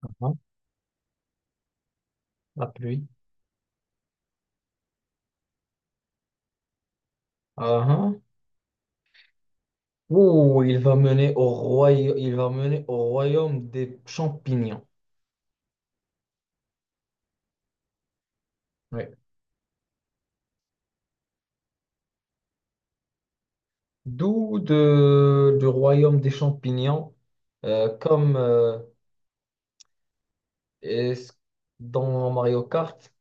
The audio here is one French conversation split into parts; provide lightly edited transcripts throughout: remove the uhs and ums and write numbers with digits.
Hein. La pluie. Ah, hein. Ouh, il va mener au royaume, il va mener au royaume des champignons. Ouais. D'où de, du royaume des champignons, comme est-ce- dans Mario Kart,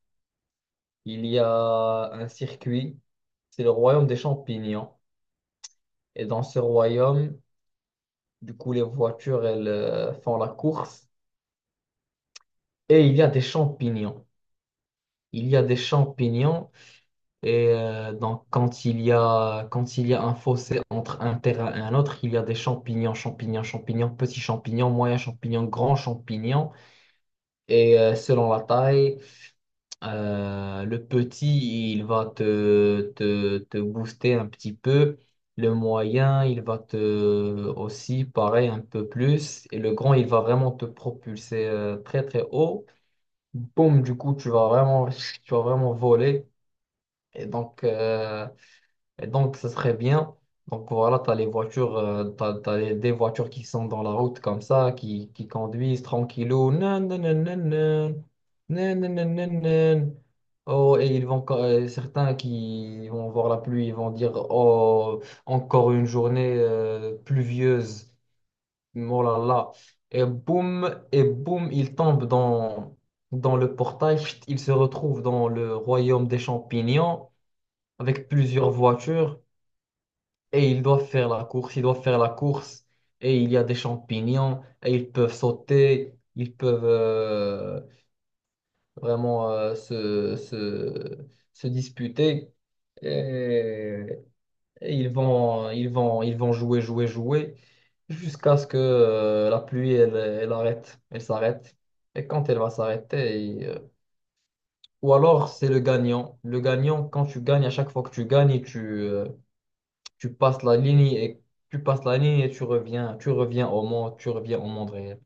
il y a un circuit, c'est le royaume des champignons. Et dans ce royaume, du coup, les voitures, elles font la course. Et il y a des champignons. Il y a des champignons. Donc, quand il y a, quand il y a un fossé entre un terrain et un autre, il y a des champignons, champignons, champignons, petits champignons, moyens champignons, grands champignons. Et selon la taille, le petit, il va te booster un petit peu. Le moyen, il va te aussi, pareil, un peu plus. Et le grand, il va vraiment te propulser très, très haut. Boum, du coup, tu vas vraiment voler. Et donc, euh, et donc, ça serait bien. Donc, voilà, tu as les voitures, t'as des voitures qui sont dans la route comme ça, qui conduisent tranquillou. Nan, nan, nan, nan, nan. Nan, nan, nan, nan, nan. Oh, et ils vont, certains qui vont voir la pluie, ils vont dire, oh, encore une journée pluvieuse. Oh là là. Et boum, ils tombent dans, dans le portail. Chut, ils se retrouvent dans le royaume des champignons avec plusieurs voitures et ils doivent faire la course, ils doivent faire la course, et il y a des champignons et ils peuvent sauter, ils peuvent vraiment se disputer, et, et ils vont jouer jusqu'à ce que la pluie elle, elle arrête, elle s'arrête. Et quand elle va s'arrêter, ou alors c'est le gagnant. Le gagnant, quand tu gagnes, à chaque fois que tu gagnes, tu passes la ligne et tu passes la ligne et tu reviens au monde, tu reviens au monde réel.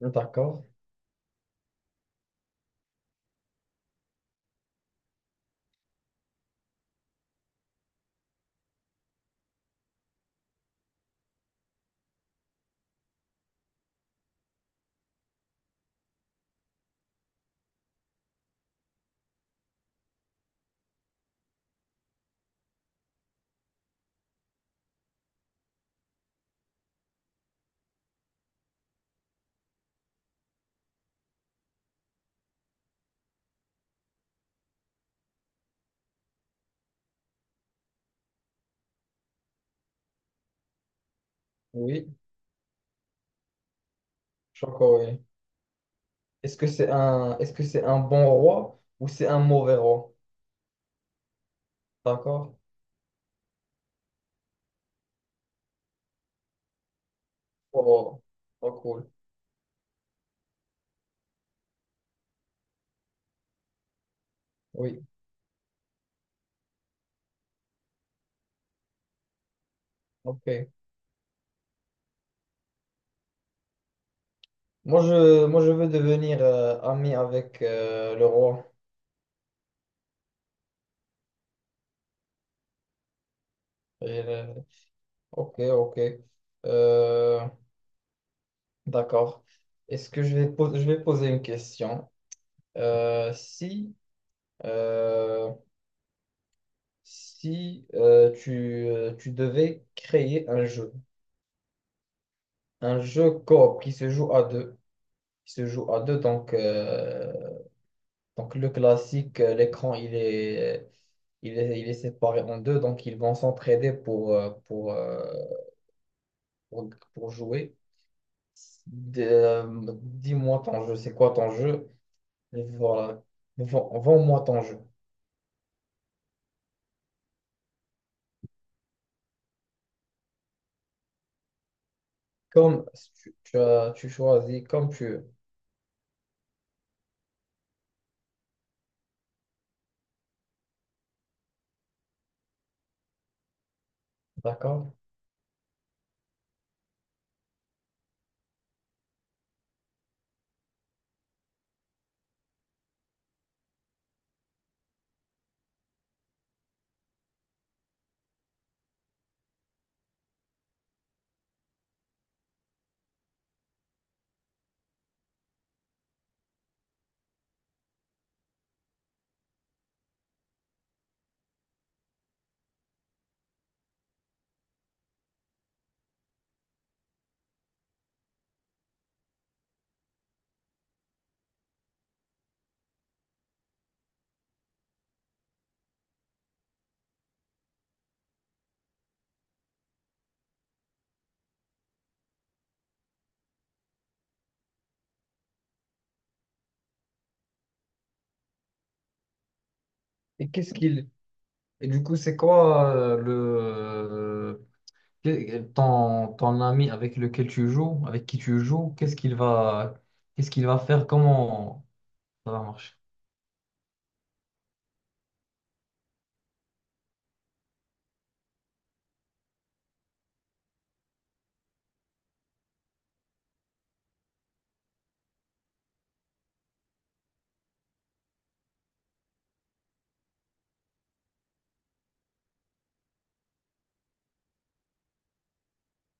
D'accord. Oui, je suis d'accord, oui. Est-ce que c'est un bon roi ou c'est un mauvais roi? D'accord. Oh, oh, cool. Oui, ok. Moi, je veux devenir ami avec le roi. Et, ok, ok. Euh, d'accord. Est-ce que je vais, po- je vais poser une question? Euh, si, euh, si tu devais créer un jeu coop qui se joue à deux, qui se joue à deux, donc le classique, l'écran, il est séparé en deux, donc ils vont s'entraider pour, pour jouer. Dis-moi ton jeu, c'est quoi ton jeu? Voilà, vends-moi ton jeu. Comme tu choisis, comme tu veux, d'accord? Et qu'est-ce qu'il Et du coup, c'est quoi le ton, ton ami avec lequel tu joues, avec qui tu joues, qu'est-ce qu'il va faire, comment ça va marcher?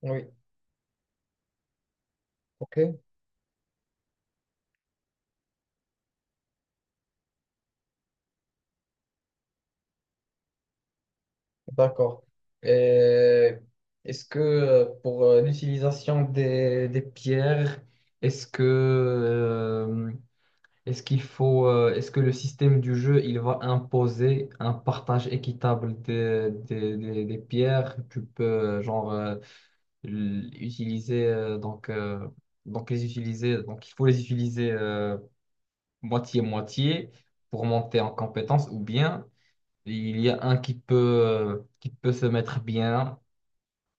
Oui, ok, d'accord. Et Est-ce que pour l'utilisation des pierres, Est-ce que euh, est-ce qu'il faut est-ce que le système du jeu il va imposer un partage équitable des pierres? Tu peux genre utiliser donc les utiliser donc il faut les utiliser moitié moitié pour monter en compétence ou bien il y a un qui peut se mettre bien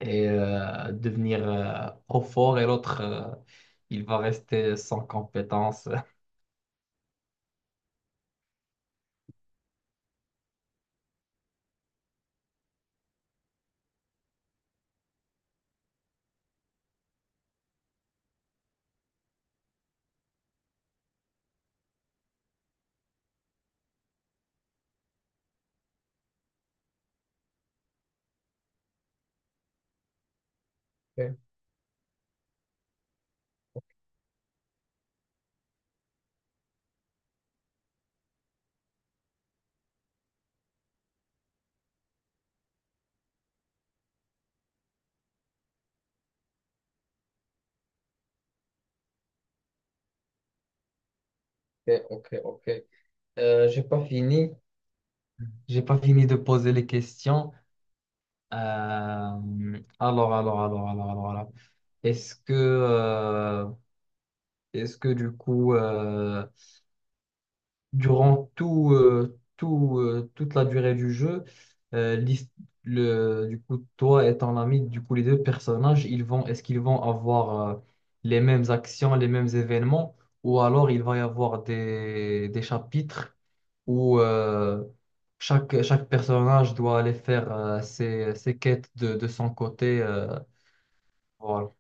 et devenir trop fort et l'autre il va rester sans compétence. Ok, ok, ok, ok. J'ai pas fini. J'ai pas fini de poser les questions. Euh, alors, alors, alors. Est-ce que euh, Est-ce que du coup, durant toute la durée du jeu, euh, l'his- toi et ton ami, du coup, les deux personnages, est-ce qu'ils vont avoir les mêmes actions, les mêmes événements, ou alors il va y avoir des chapitres où chaque, chaque personnage doit aller faire ses, ses quêtes de son côté. Voilà.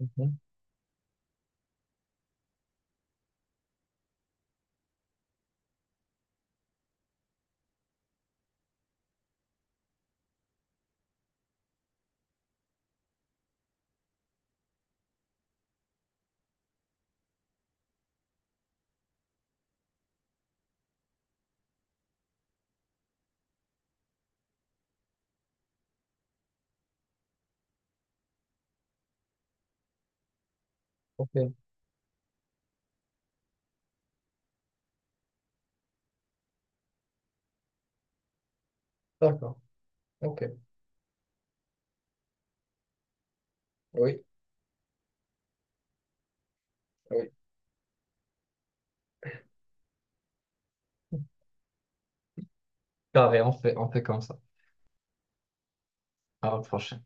Mhm. Ok, d'accord. Ok, oui, oui. Carré, on fait comme ça. Ah, franchement.